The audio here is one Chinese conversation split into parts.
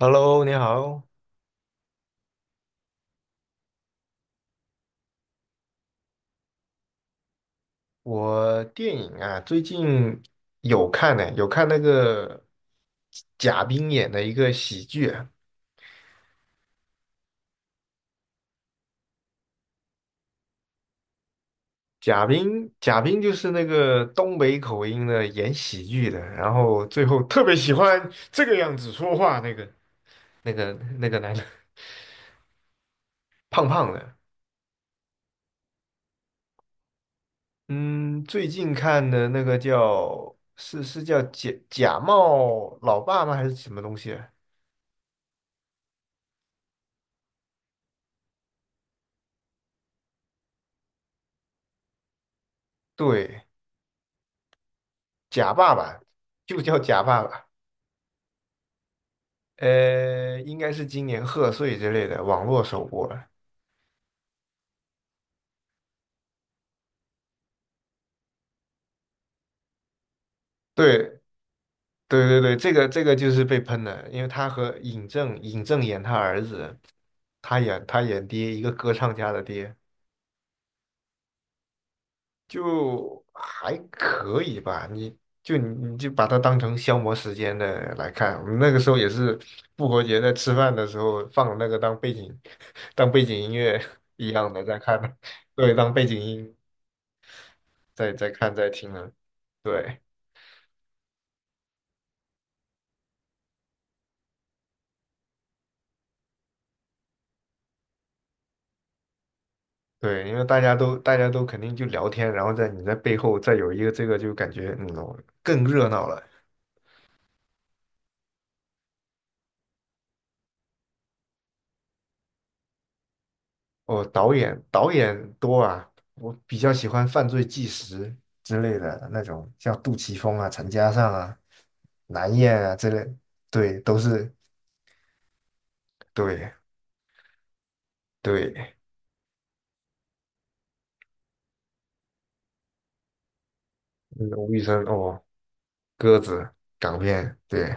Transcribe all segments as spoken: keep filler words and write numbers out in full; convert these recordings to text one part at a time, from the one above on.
Hello，你好。我电影啊，最近有看呢、有看那个贾冰演的一个喜剧啊。贾冰，贾冰就是那个东北口音的演喜剧的，然后最后特别喜欢这个样子说话那个那个那个男的，胖胖的。嗯，最近看的那个叫是是叫假假冒老爸吗？还是什么东西啊。对，假爸爸就叫假爸爸。呃，应该是今年贺岁之类的网络首播了。对，对对对，这个这个就是被喷的，因为他和尹正，尹正演他儿子，他演他演爹，一个歌唱家的爹。就还可以吧。你就你你就把它当成消磨时间的来看。我们那个时候也是复活节在吃饭的时候放那个当背景 当背景音乐 一样的在看的。对，当背景音在在看在听的。对。对，因为大家都大家都肯定就聊天，然后在你在背后再有一个这个，就感觉嗯更热闹了。哦，导演导演多啊。我比较喜欢犯罪纪实之类的那种，像杜琪峰啊、陈嘉上啊、南燕啊之类。对，都是。对对，嗯吴宇森哦。鸽子，港片。对。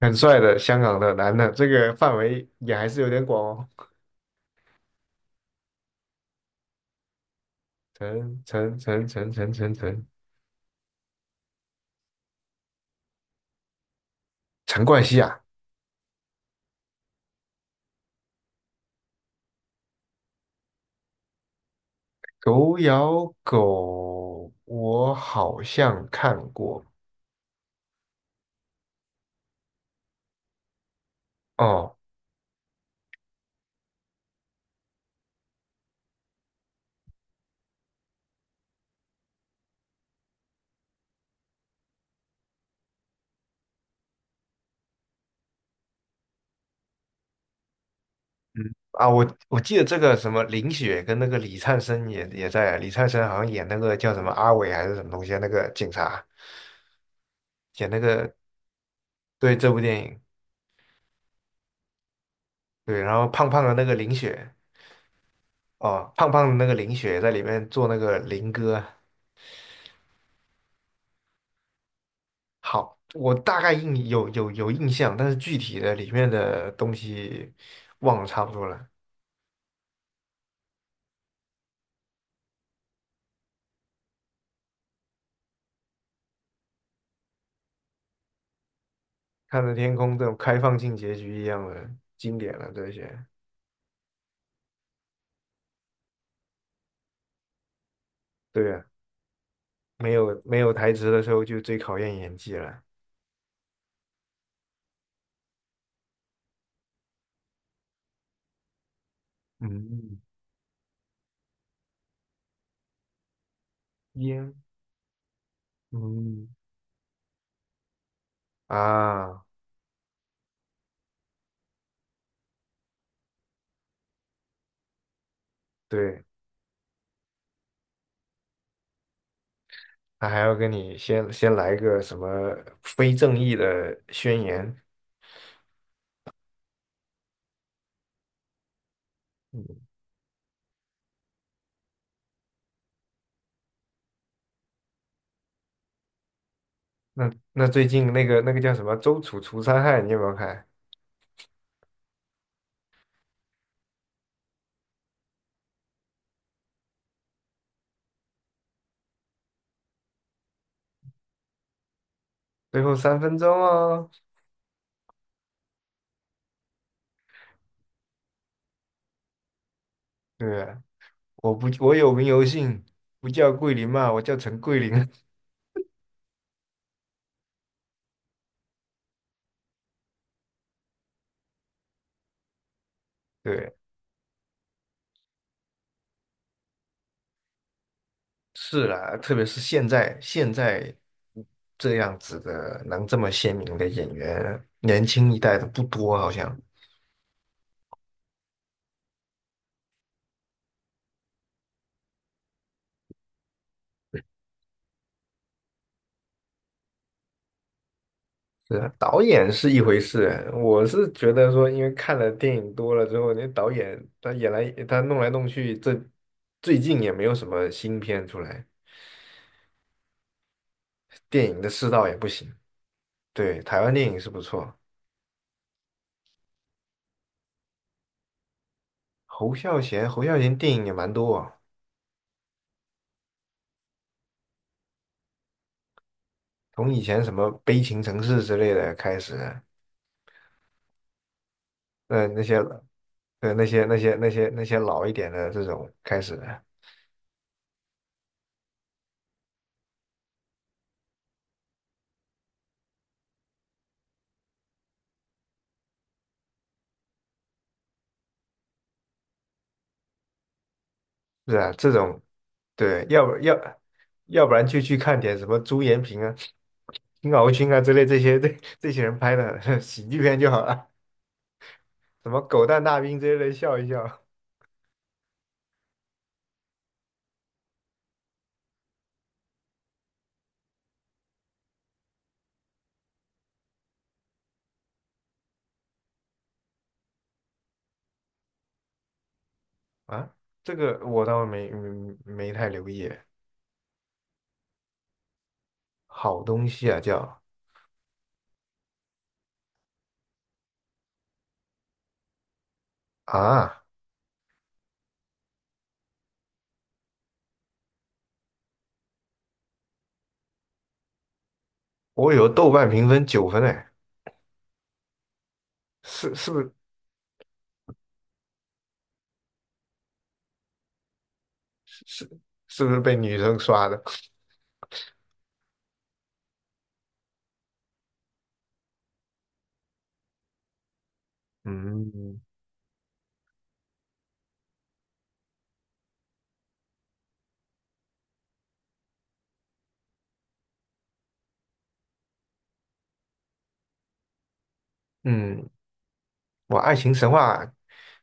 很帅的香港的男的，这个范围也还是有点广哦。陈陈陈陈陈陈陈陈冠希啊。狗咬狗，我好像看过哦。嗯，啊，我我记得这个什么林雪跟那个李灿森也也在啊，李灿森好像演那个叫什么阿伟还是什么东西啊，那个警察演那个。对，这部电影。对，然后胖胖的那个林雪。哦，胖胖的那个林雪在里面做那个林哥。好，我大概印有有有印象，但是具体的里面的东西忘了差不多了。看着天空这种开放性结局一样的，经典了，这些。对啊，没有没有台词的时候就最考验演技了。嗯，烟，嗯啊。对，他还要跟你先先来个什么非正义的宣言。嗯，那那最近那个那个叫什么《周楚除三害》，你有没有看？最后三分钟哦。对啊，我不我有名有姓，不叫桂林嘛，我叫陈桂林。对啊，是啦，特别是现在现在这样子的能这么鲜明的演员，年轻一代的不多，好像是啊。导演是一回事。我是觉得说，因为看了电影多了之后，那导演他演来他弄来弄去，这最近也没有什么新片出来，电影的世道也不行。对，台湾电影是不错。侯孝贤，侯孝贤电影也蛮多啊，从以前什么《悲情城市》之类的开始。呃，那些。呃那些那些那些那些老一点的这种开始的。是啊，这种。对，要不要要不然就去看点什么朱延平啊、金鳌勋啊之类，这些这这些人拍的 喜剧片就好了，什么狗蛋大兵之类的笑一笑。啊，这个我倒没没没太留意。好东西啊，叫啊，我有豆瓣评分九分哎。是是不是是不是被女生刷的？嗯嗯，我爱情神话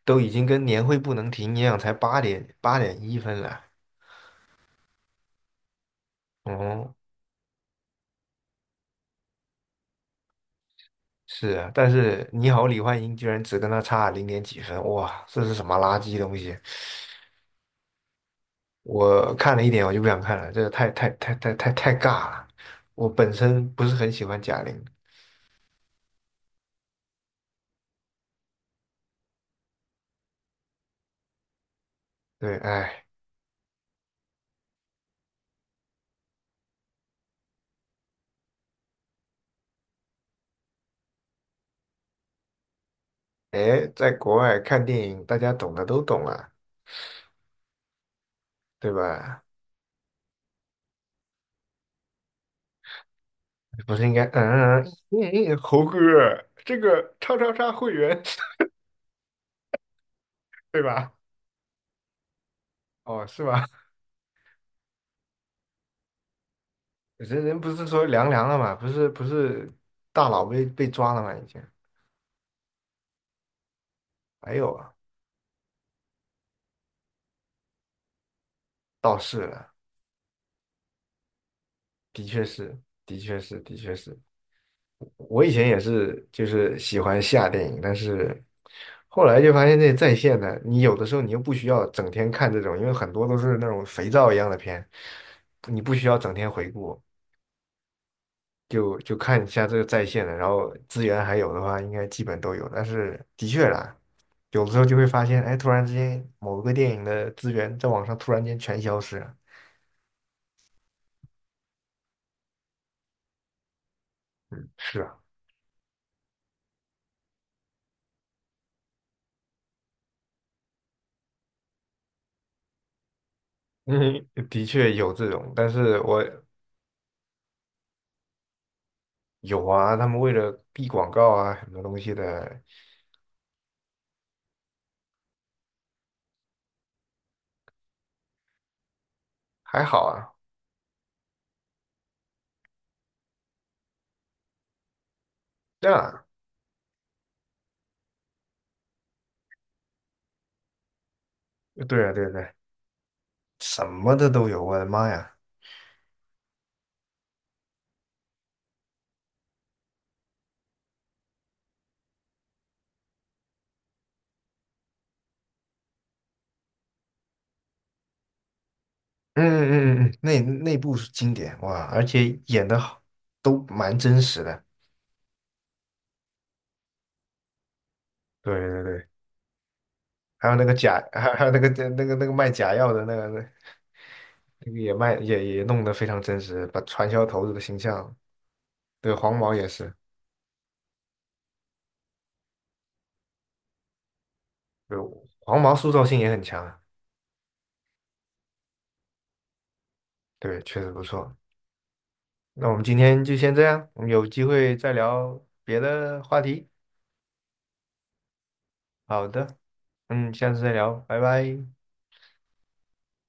都已经跟年会不能停一样，才八点八点一分了。哦。是啊，但是你好，李焕英居然只跟他差零点几分，哇，这是什么垃圾东西？我看了一点我就不想看了，这个太太太太太太尬了。我本身不是很喜欢贾玲。对。哎哎，在国外看电影，大家懂的都懂啊，对吧？不是应该嗯嗯嗯，猴哥这个叉叉叉会员 对吧？哦，是吧？人人不是说凉凉了嘛，不是不是大佬被被抓了吗？已经。哎呦。倒是了。的确是，的确是，的确是。我以前也是，就是喜欢下电影，但是后来就发现这在线的，你有的时候你又不需要整天看这种，因为很多都是那种肥皂一样的片，你不需要整天回顾，就就看一下这个在线的，然后资源还有的话，应该基本都有。但是的确啦，有的时候就会发现，哎，突然之间某个电影的资源在网上突然间全消失了。是啊。嗯，的确有这种。但是我有啊，他们为了避广告啊，很多东西的。还好啊。这样啊。对啊，对啊对对什么的都有，我的妈呀！嗯嗯嗯嗯，那那部是经典哇，而且演的好，都蛮真实的。对对对，还有那个假。还还有那个那个那个卖假药的那个。那个也卖也也弄得非常真实，把传销头子的形象。对，黄毛也是。对，黄毛塑造性也很强啊。对，确实不错。那我们今天就先这样，我们有机会再聊别的话题。好的，嗯，下次再聊，拜拜。